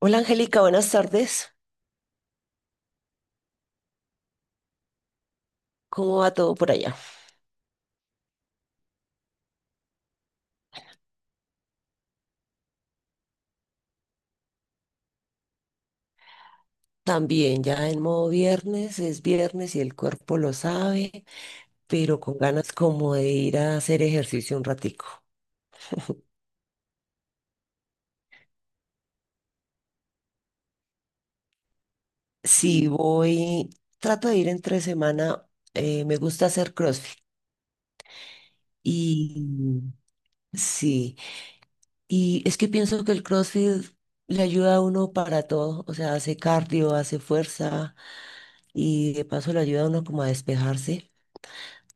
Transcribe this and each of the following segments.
Hola Angélica, buenas tardes. ¿Cómo va todo por allá? También ya en modo viernes, es viernes y el cuerpo lo sabe, pero con ganas como de ir a hacer ejercicio un ratico. Si voy, trato de ir entre semana, me gusta hacer CrossFit. Y sí, y es que pienso que el CrossFit le ayuda a uno para todo, o sea, hace cardio, hace fuerza y de paso le ayuda a uno como a despejarse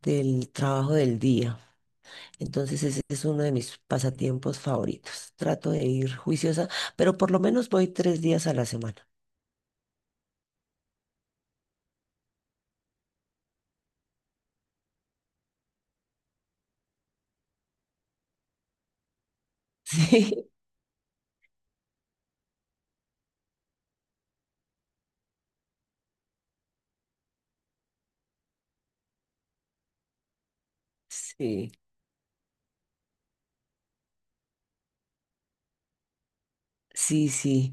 del trabajo del día. Entonces ese es uno de mis pasatiempos favoritos. Trato de ir juiciosa, pero por lo menos voy 3 días a la semana. Sí, sí, sí.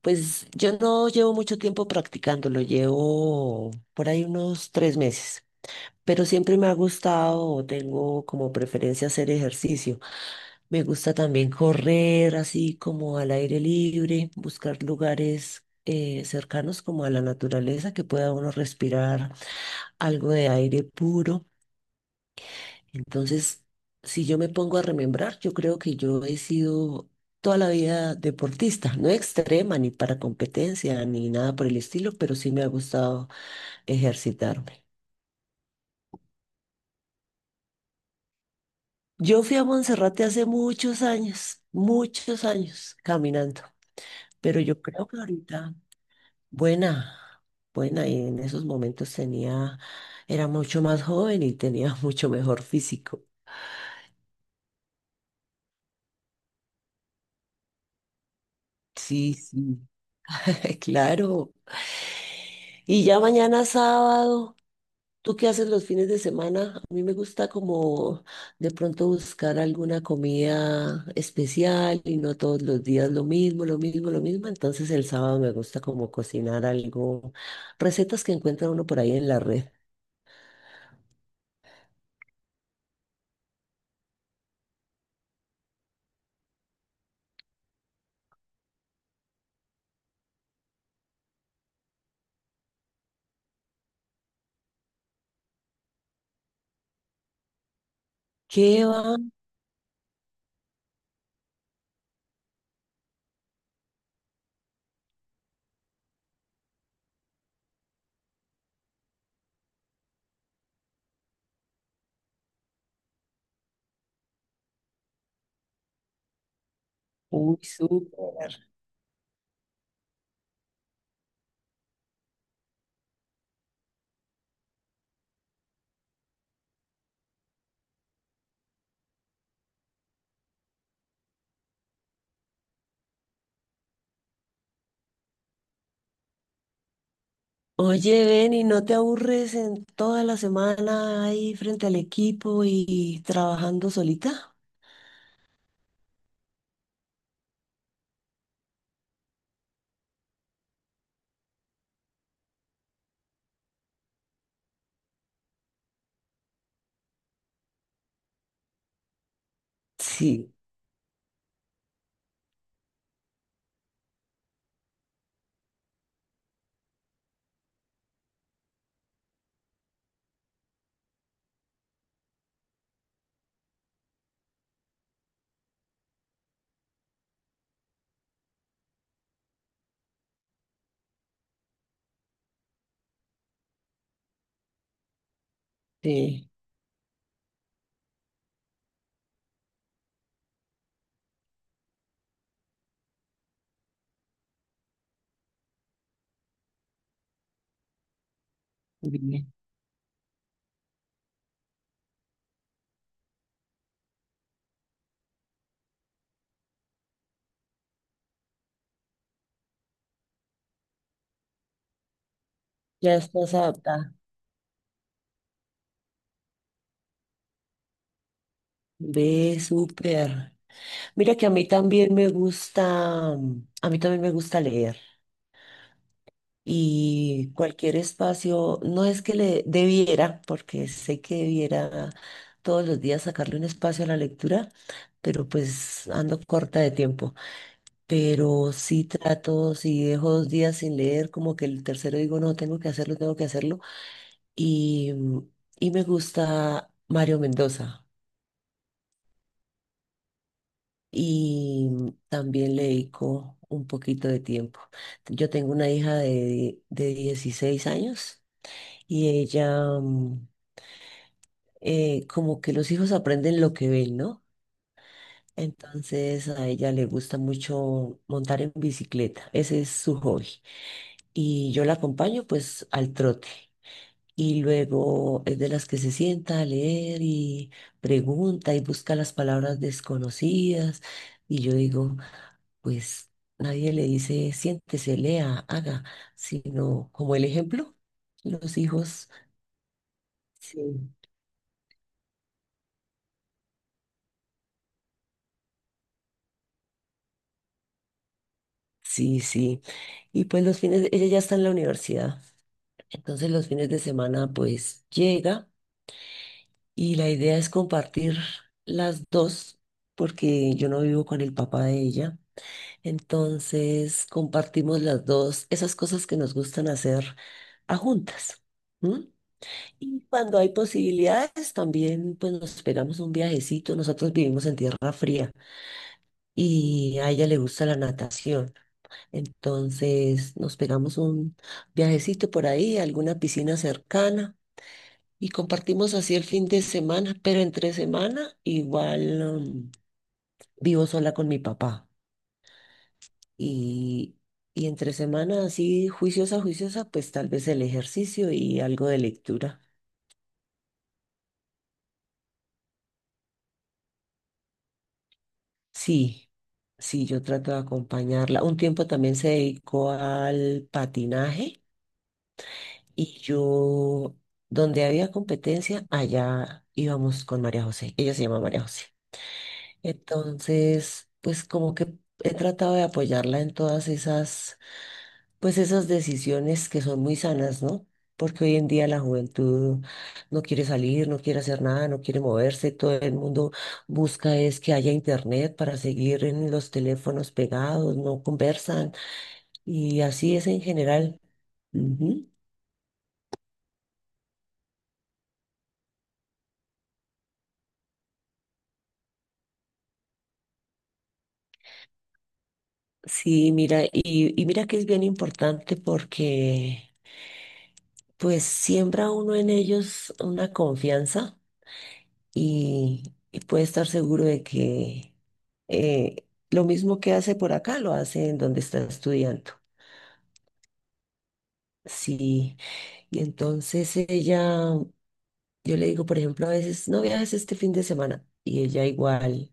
Pues yo no llevo mucho tiempo practicándolo, llevo por ahí unos 3 meses, pero siempre me ha gustado o tengo como preferencia hacer ejercicio. Me gusta también correr así como al aire libre, buscar lugares cercanos como a la naturaleza que pueda uno respirar algo de aire puro. Entonces, si yo me pongo a remembrar, yo creo que yo he sido toda la vida deportista, no extrema ni para competencia ni nada por el estilo, pero sí me ha gustado ejercitarme. Yo fui a Monserrate hace muchos años caminando, pero yo creo que ahorita, buena, buena, y en esos momentos tenía, era mucho más joven y tenía mucho mejor físico. Sí, sí, claro. Y ya mañana sábado, ¿tú qué haces los fines de semana? A mí me gusta como de pronto buscar alguna comida especial y no todos los días lo mismo, lo mismo, lo mismo. Entonces el sábado me gusta como cocinar algo, recetas que encuentra uno por ahí en la red. ¿Qué va? Uy, súper. Oye, ven y no te aburres en toda la semana ahí frente al equipo y trabajando solita. Sí, sí. Ya estás adaptada. Ve, súper. Mira que a mí también me gusta, a mí también me gusta leer y cualquier espacio, no es que le debiera, porque sé que debiera todos los días sacarle un espacio a la lectura, pero pues ando corta de tiempo. Pero sí trato, si dejo 2 días sin leer, como que el tercero digo, no, tengo que hacerlo, tengo que hacerlo. Y, mm, y me gusta Mario Mendoza. Y también le dedico un poquito de tiempo. Yo tengo una hija de, 16 años y ella, como que los hijos aprenden lo que ven, ¿no? Entonces a ella le gusta mucho montar en bicicleta, ese es su hobby. Y yo la acompaño pues al trote. Y luego es de las que se sienta a leer y pregunta y busca las palabras desconocidas. Y yo digo, pues nadie le dice siéntese, lea, haga, sino como el ejemplo, los hijos, sí, sí, sí. Y pues los fines, ella ya está en la universidad, entonces los fines de semana pues llega y la idea es compartir las dos, porque yo no vivo con el papá de ella. Entonces compartimos las dos, esas cosas que nos gustan hacer a juntas. ¿M? Y cuando hay posibilidades, también pues nos pegamos un viajecito. Nosotros vivimos en tierra fría y a ella le gusta la natación. Entonces nos pegamos un viajecito por ahí, a alguna piscina cercana y compartimos así el fin de semana. Pero entre semana igual vivo sola con mi papá. Y, y entre semana así juiciosa, juiciosa, pues tal vez el ejercicio y algo de lectura. Sí, sí, yo trato de acompañarla. Un tiempo también se dedicó al patinaje y yo, donde había competencia, allá íbamos con María José. Ella se llama María José. Entonces, pues como que he tratado de apoyarla en todas esas pues esas decisiones que son muy sanas, ¿no? Porque hoy en día la juventud no quiere salir, no quiere hacer nada, no quiere moverse, todo el mundo busca es que haya internet para seguir en los teléfonos pegados, no conversan y así es en general. Ujú. Sí, mira, y mira que es bien importante porque pues siembra uno en ellos una confianza y, y puede estar seguro de que eh, lo mismo que hace por acá lo hace en donde está estudiando. Sí, y entonces ella, yo le digo, por ejemplo, a veces, no viajes este fin de semana y ella igual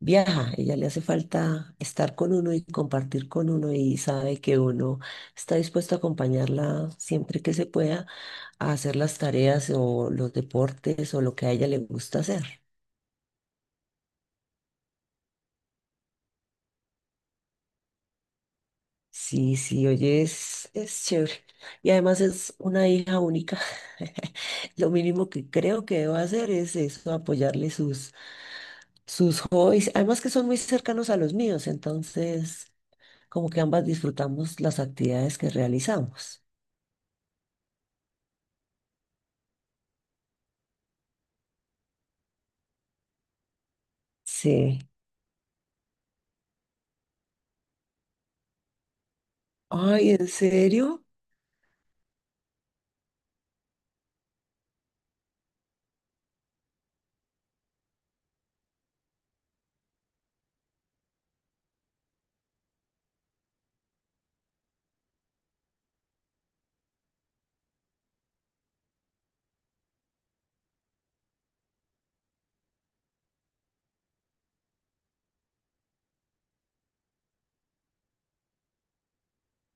viaja, ella le hace falta estar con uno y compartir con uno y sabe que uno está dispuesto a acompañarla siempre que se pueda a hacer las tareas o los deportes o lo que a ella le gusta hacer. Sí, sí, oye, es chévere. Y además es una hija única. Lo mínimo que creo que debo hacer es eso, apoyarle sus, sus hobbies. Además que son muy cercanos a los míos, entonces como que ambas disfrutamos las actividades que realizamos. Sí. Ay, ¿en serio?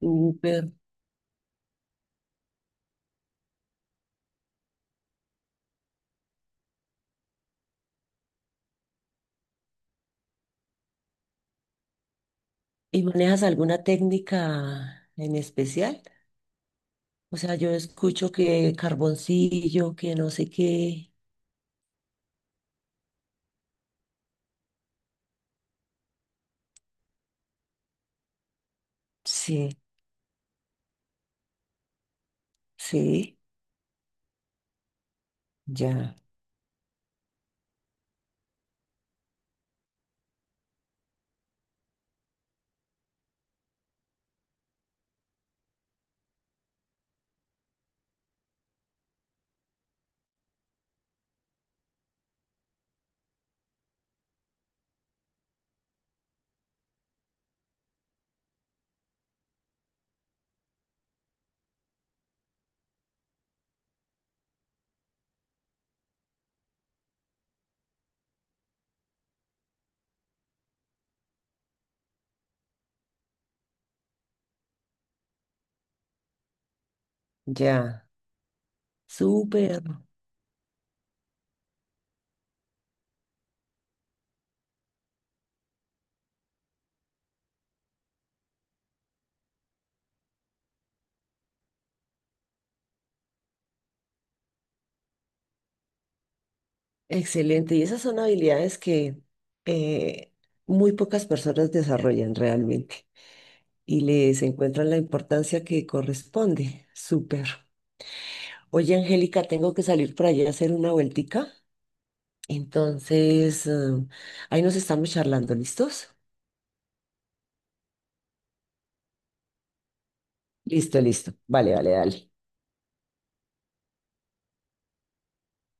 Súper. ¿Y manejas alguna técnica en especial? O sea, yo escucho que carboncillo, que no sé qué. Sí, sí, ya. Ya, súper, excelente. Y esas son habilidades que eh, muy pocas personas desarrollan realmente y les encuentran la importancia que corresponde. Súper. Oye, Angélica, tengo que salir por allá a hacer una vueltica. Entonces, ahí nos estamos charlando, ¿listos? Listo, listo. Vale, vale, dale.